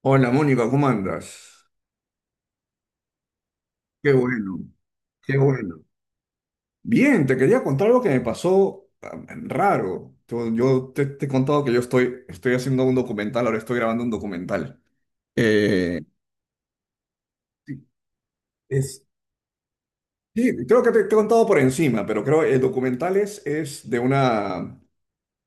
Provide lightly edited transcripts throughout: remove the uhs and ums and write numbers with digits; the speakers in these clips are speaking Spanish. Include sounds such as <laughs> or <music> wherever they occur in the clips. Hola Mónica, ¿cómo andas? Qué bueno, qué bueno. Bien, te quería contar algo que me pasó raro. Yo te he contado que yo estoy haciendo un documental, ahora estoy grabando un documental. Eh, sí, es, sí, creo que te he contado por encima, pero creo que el documental es de una,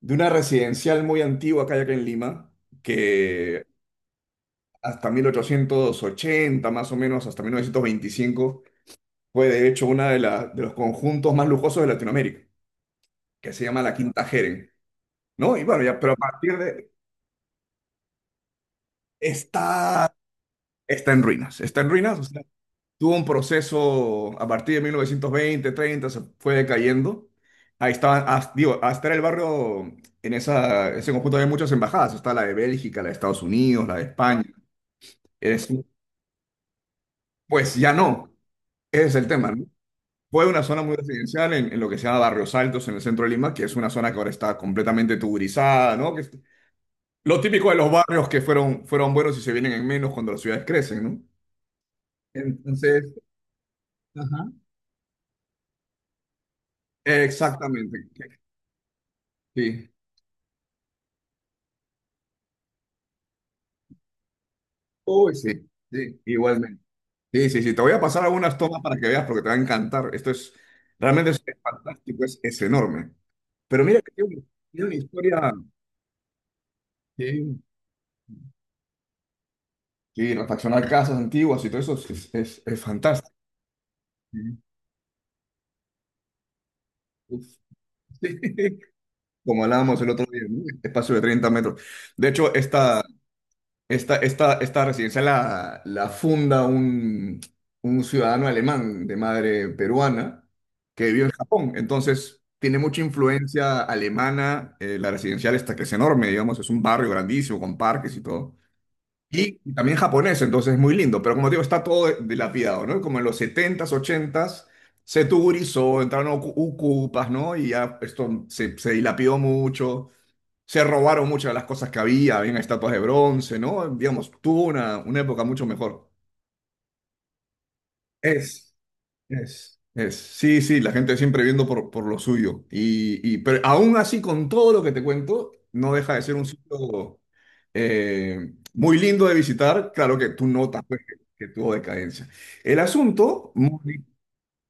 de una residencial muy antigua que hay acá en Lima, que hasta 1880 más o menos, hasta 1925 fue de hecho de los conjuntos más lujosos de Latinoamérica, que se llama la Quinta Jeren, ¿no? Y bueno, ya, pero a partir de... Está, está en ruinas, está en ruinas, o sea, tuvo un proceso a partir de 1920, 30, se fue decayendo. Ahí estaba, hasta, digo, hasta era el barrio, en ese conjunto había muchas embajadas, está la de Bélgica, la de Estados Unidos, la de España. Es, pues ya no, ese es el tema, ¿no? Fue una zona muy residencial en lo que se llama Barrios Altos, en el centro de Lima, que es una zona que ahora está completamente tuburizada, ¿no? Que es lo típico de los barrios que fueron buenos y se vienen en menos cuando las ciudades crecen, ¿no? Entonces, ajá. Exactamente. Sí. Uy, sí, sí, igualmente. Sí, sí, sí. Te voy a pasar algunas tomas para que veas porque te va a encantar. Realmente es fantástico, es enorme. Pero mira que tiene una historia. Sí, sí, refaccionar casas antiguas y todo eso es fantástico. Sí. Uf. <laughs> Sí. Como hablábamos el otro día, ¿no? Espacio de 30 metros. De hecho, esta residencia la funda un ciudadano alemán de madre peruana que vivió en Japón. Entonces, tiene mucha influencia alemana. La residencial esta que es enorme, digamos, es un barrio grandísimo con parques y todo. Y también japonés, entonces es muy lindo. Pero como te digo, está todo dilapidado, ¿no? Como en los setentas ochentas se tugurizó, entraron ucupas, ¿no? Y ya esto se dilapidó mucho. Se robaron muchas de las cosas que había, habían estatuas de bronce, ¿no? Digamos, tuvo una época mucho mejor. Es, sí, sí, la gente siempre viendo por lo suyo. Pero aún así, con todo lo que te cuento, no deja de ser un sitio muy lindo de visitar. Claro que tú notas pues, que tuvo decadencia. El asunto, Mónica,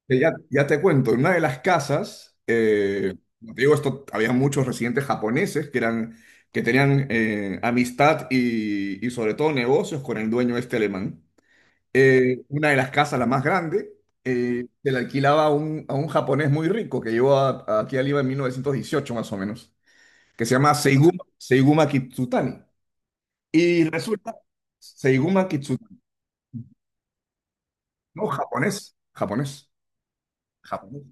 que Ya, ya te cuento, en una de las casas, como te digo, esto, había muchos residentes japoneses que tenían amistad y sobre todo negocios con el dueño este alemán. Una de las casas, la más grande, se la alquilaba a un japonés muy rico que llegó a aquí a Lima en 1918 más o menos, que se llama Seiguma Kitsutani. Y resulta, Seiguma Kitsutani, no, japonés, japonés, japonés.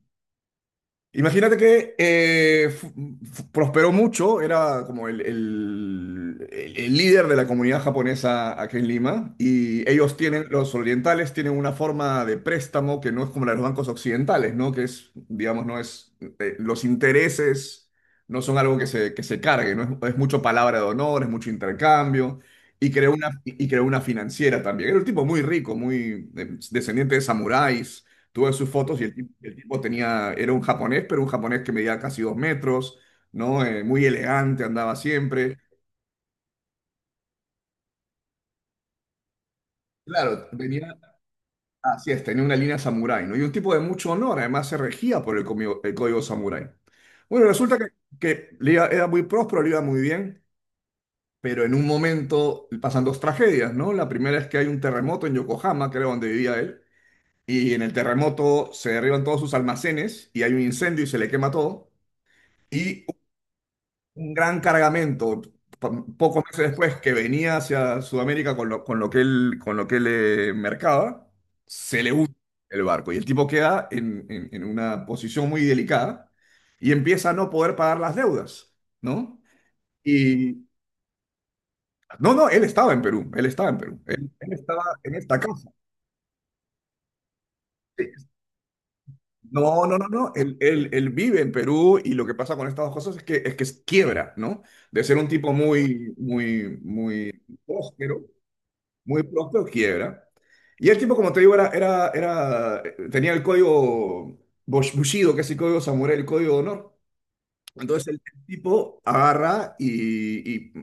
Imagínate que prosperó mucho, era como el líder de la comunidad japonesa aquí en Lima, y ellos tienen, los orientales tienen una forma de préstamo que no es como la de los bancos occidentales, ¿no? Que es, digamos, no es, los intereses no son algo que se cargue, ¿no? Es mucho palabra de honor, es mucho intercambio, y creó una financiera también. Era un tipo muy rico, muy descendiente de samuráis. Tú ves sus fotos y el tipo tenía, era un japonés, pero un japonés que medía casi 2 metros, ¿no? Muy elegante, andaba siempre. Claro, venía, así es, tenía una línea samurái, ¿no? Y un tipo de mucho honor, además se regía por el código samurái. Bueno, resulta que era muy próspero, le iba muy bien, pero en un momento pasan dos tragedias, ¿no? La primera es que hay un terremoto en Yokohama, que era donde vivía él, y en el terremoto se derriban todos sus almacenes y hay un incendio y se le quema todo. Y un gran cargamento pocos meses después que venía hacia Sudamérica con lo que él, con lo que él mercaba, se le hunde el barco y el tipo queda en una posición muy delicada y empieza a no poder pagar las deudas, ¿no? Y no, no, él estaba en Perú, él estaba en Perú, él estaba en esta casa. Sí. No, no, no, no, él vive en Perú y lo que pasa con estas dos cosas es que, quiebra, ¿no? De ser un tipo muy, muy, muy próspero. Muy pronto quiebra. Y el tipo, como te digo, tenía el código Bushido, que es el código samurái, el código de honor. Entonces el tipo agarra y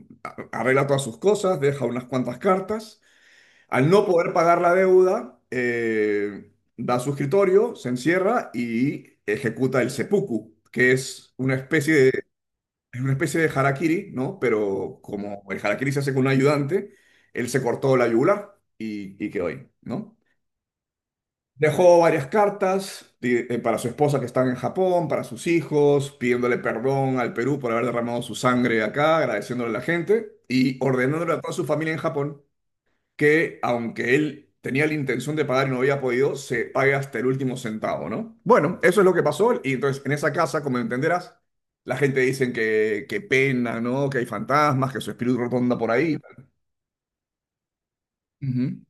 arregla todas sus cosas, deja unas cuantas cartas. Al no poder pagar la deuda, da su escritorio, se encierra y ejecuta el seppuku, que es una especie de harakiri, ¿no? Pero como el harakiri se hace con un ayudante, él se cortó la yugular y quedó ahí, ¿no? Dejó varias cartas para su esposa que están en Japón, para sus hijos, pidiéndole perdón al Perú por haber derramado su sangre acá, agradeciéndole a la gente y ordenándole a toda su familia en Japón que aunque él tenía la intención de pagar y no había podido, se pague hasta el último centavo, ¿no? Bueno, eso es lo que pasó y entonces en esa casa, como entenderás, la gente dicen que pena, ¿no? Que hay fantasmas, que su espíritu rotonda por ahí. Ujú,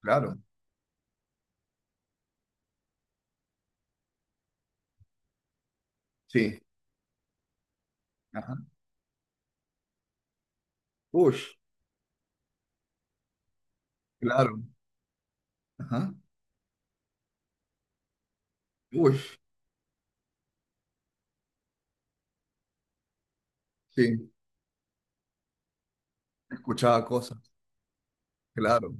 claro, sí. Ajá. Uy, claro. Ajá. Uy, sí, escuchaba cosas. Claro,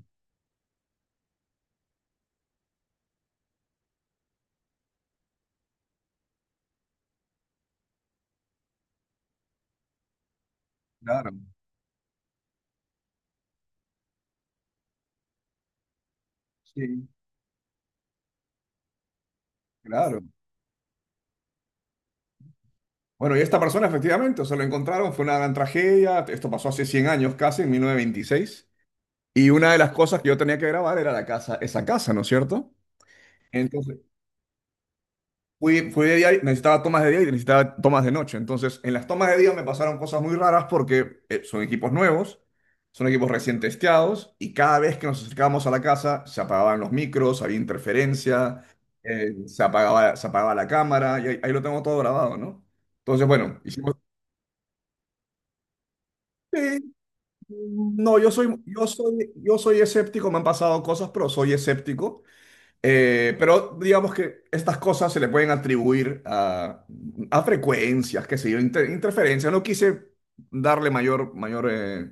claro, sí, claro. Bueno, y esta persona efectivamente, o sea, lo encontraron, fue una gran tragedia, esto pasó hace 100 años casi, en 1926. Y una de las cosas que yo tenía que grabar era la casa, esa casa, ¿no es cierto? Entonces, fui de día y necesitaba tomas de día y necesitaba tomas de noche. Entonces, en las tomas de día me pasaron cosas muy raras porque son equipos nuevos, son equipos recién testeados y cada vez que nos acercábamos a la casa se apagaban los micros, había interferencia, se apagaba la cámara y ahí lo tengo todo grabado, ¿no? Entonces, bueno, hicimos. Sí, no, yo soy escéptico, me han pasado cosas, pero soy escéptico. Pero digamos que estas cosas se le pueden atribuir a frecuencias, qué sé yo, interferencias. No quise darle mayor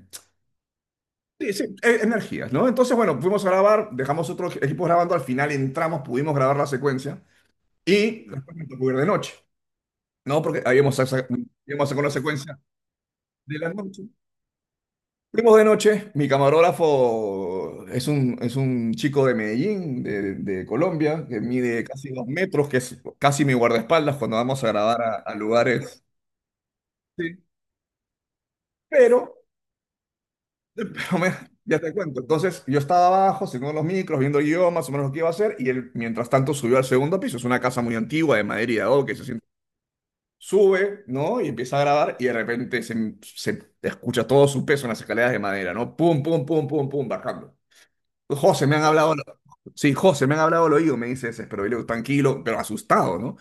sí, sí, energías, ¿no? Entonces, bueno, fuimos a grabar, dejamos otros equipos grabando, al final entramos, pudimos grabar la secuencia y después me tocó ir de noche, ¿no? Porque habíamos sacado la secuencia de la noche. Fuimos de noche, mi camarógrafo es un chico de Medellín, de Colombia, que mide casi 2 metros, que es casi mi guardaespaldas cuando vamos a grabar a lugares. Sí, pero, pero ya te cuento. Entonces yo estaba abajo, siguiendo los micros, viendo el guión, más o menos lo que iba a hacer, y él mientras tanto subió al segundo piso, es una casa muy antigua de madera y de adobe que se siente. Sube, ¿no? Y empieza a grabar y de repente se escucha todo su peso en las escaleras de madera, ¿no? Pum, pum, pum, pum, pum, bajando. José, me han hablado, sí, José, me han hablado al oído, me dice ese, pero yo, le digo, tranquilo, pero asustado, ¿no?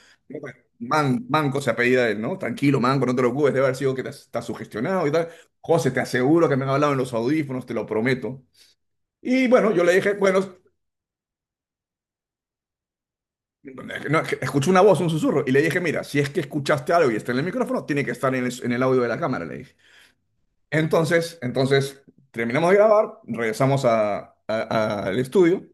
Manco se apellida él, ¿no? Tranquilo, Manco, no te preocupes, debe haber sido que estás sugestionado y tal. José, te aseguro que me han hablado en los audífonos, te lo prometo. Y bueno, yo le dije, bueno, no, es que escuché una voz, un susurro, y le dije, mira, si es que escuchaste algo y está en el micrófono, tiene que estar en el, audio de la cámara, le dije. Entonces, terminamos de grabar, regresamos al estudio.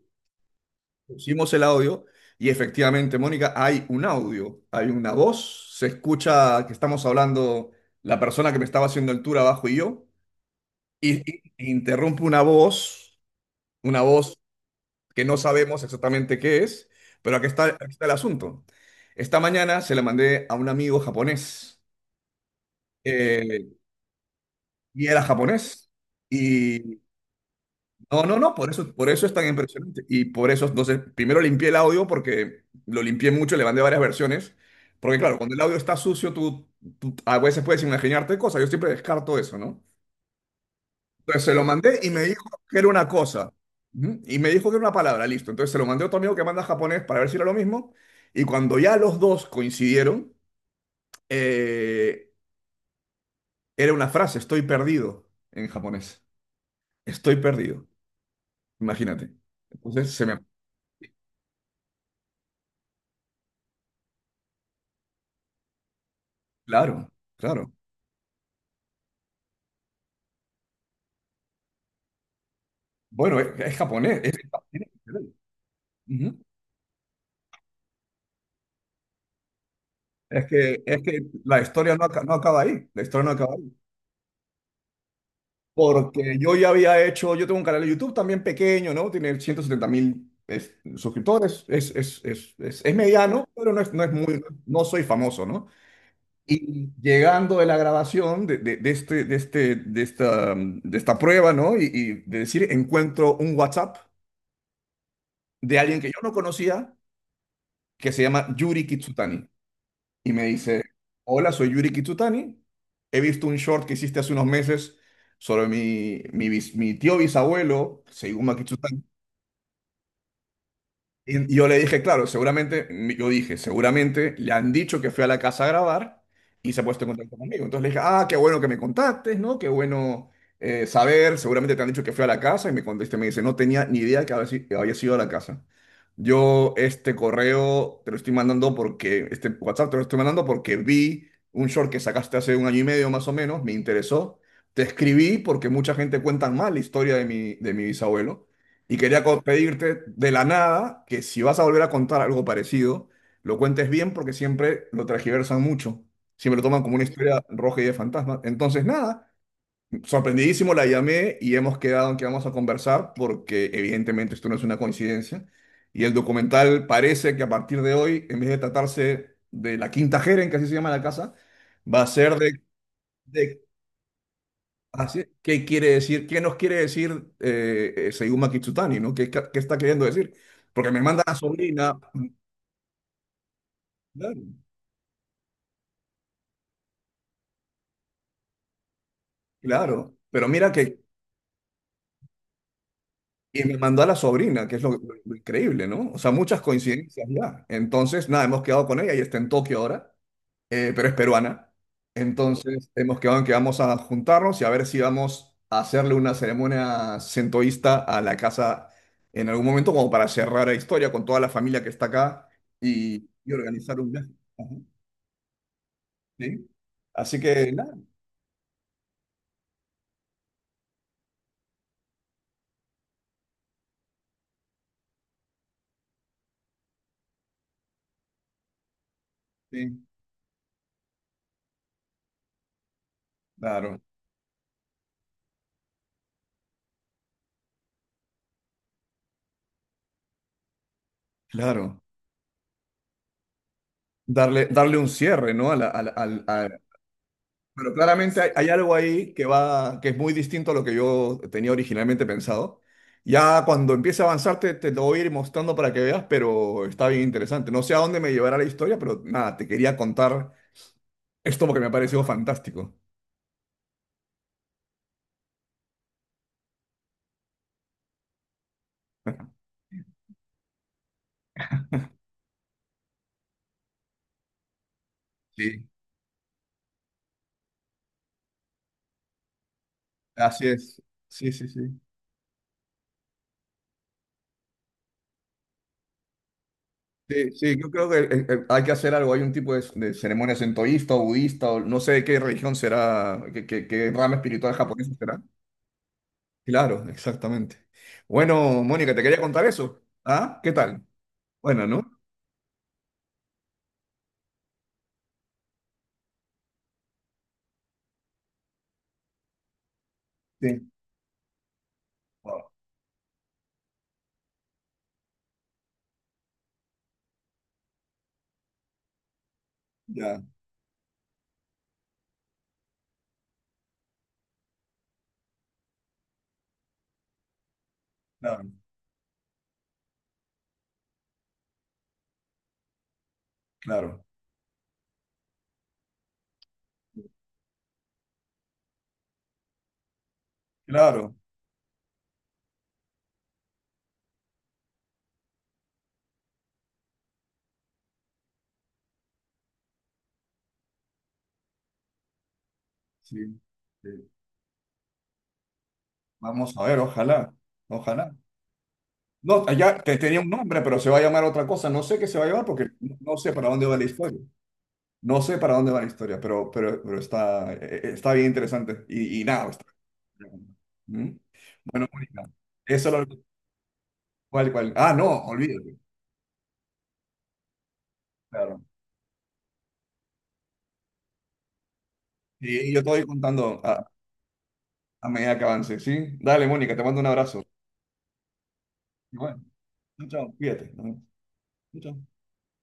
Pusimos el audio y efectivamente, Mónica, hay un audio, hay una voz, se escucha que estamos hablando la persona que me estaba haciendo el tour abajo y yo, y interrumpe una voz que no sabemos exactamente qué es, pero aquí está el asunto. Esta mañana se la mandé a un amigo japonés eh, y era japonés. No, no, no, por eso es tan impresionante. Y por eso, entonces, primero limpié el audio porque lo limpié mucho, le mandé varias versiones. Porque claro, cuando el audio está sucio, tú a veces puedes imaginarte cosas. Yo siempre descarto eso, ¿no? Entonces se lo mandé y me dijo que era una cosa. Ujú. Y me dijo que era una palabra, listo. Entonces se lo mandé a otro amigo que manda japonés para ver si era lo mismo. Y cuando ya los dos coincidieron, eh, era una frase, estoy perdido en japonés. Estoy perdido, imagínate. Entonces se me... Claro, claro. Bueno, es japonés. Tiene que ser él. Ujú. Es que la historia no acaba ahí. La historia no acaba ahí. Porque yo ya había hecho, yo tengo un canal de YouTube también pequeño, ¿no? Tiene 170.000 suscriptores. Es mediano, pero no es muy, no soy famoso, ¿no? Y llegando de la grabación de esta prueba, ¿no? Y de decir, encuentro un WhatsApp de alguien que yo no conocía, que se llama Yuri Kitsutani. Y me dice, hola, soy Yuri Kitsutani, he visto un short que hiciste hace unos meses sobre mi tío bisabuelo, Seiguma Kitsutani, y yo le dije, claro, seguramente, yo dije, seguramente le han dicho que fui a la casa a grabar y se ha puesto en contacto conmigo. Entonces le dije, ah, qué bueno que me contactes, ¿no? Qué bueno saber, seguramente te han dicho que fui a la casa y me contesta, me dice, no tenía ni idea que había, si- que había sido a la casa. Yo este correo te lo estoy mandando porque, este WhatsApp te lo estoy mandando porque vi un short que sacaste hace un año y medio más o menos, me interesó. Te escribí porque mucha gente cuenta mal la historia de mi bisabuelo. Y quería pedirte de la nada que si vas a volver a contar algo parecido, lo cuentes bien porque siempre lo tergiversan mucho. Siempre lo toman como una historia roja y de fantasma. Entonces, nada, sorprendidísimo la llamé y hemos quedado en que vamos a conversar porque evidentemente esto no es una coincidencia. Y el documental parece que a partir de hoy, en vez de tratarse de la Quinta Jeren, que así se llama la casa, va a ser de... Así, ¿qué quiere decir? ¿Qué nos quiere decir Seiyuma Kitsutani? ¿No? ¿Qué está queriendo decir? Porque me manda a la sobrina, claro, claro, pero mira que, y me mandó a la sobrina, que es lo increíble, ¿no? O sea, muchas coincidencias ya. Entonces, nada, hemos quedado con ella y está en Tokio ahora. Pero es peruana. Entonces hemos quedado en que vamos a juntarnos y a ver si vamos a hacerle una ceremonia centoísta a la casa en algún momento, como para cerrar la historia con toda la familia que está acá y organizar un viaje. Ajá, ¿sí? Así que, nada, sí, claro, claro. Darle un cierre, ¿no? A la- a al- a- Pero claramente hay algo ahí que es muy distinto a lo que yo tenía originalmente pensado. Ya cuando empiece a avanzar te lo voy a ir mostrando para que veas, pero está bien interesante. No sé a dónde me llevará la historia, pero nada, te quería contar esto porque me ha parecido fantástico. <laughs> Sí, así es. Sí, sí, sí. Sí, sí, yo creo que hay que hacer algo. Hay un tipo de ceremonia centoísta o budista o no sé de qué religión será, qué rama espiritual japonesa será. Claro, exactamente. Bueno, Mónica, te quería contar eso. ¿Ah? ¿Qué tal? Bueno, ¿no? Sí. Wow, ya, claro, claro, claro. Sí. Sí. Vamos a ver, ojalá, ojalá. No, allá te tenía un nombre, pero se va a llamar otra cosa. No sé qué se va a llamar porque no sé para dónde va la historia. No sé para dónde va la historia, pero, está bien interesante. Y nada, está- ¿Mm? Bueno, Mónica, eso lo... ¿Cuál, cuál? Ah, no, olvídate. Claro. Y yo te voy contando a medida que avance, ¿sí? Dale, Mónica, te mando un abrazo. Y bueno, chao, cuídate, ¿no? Chao.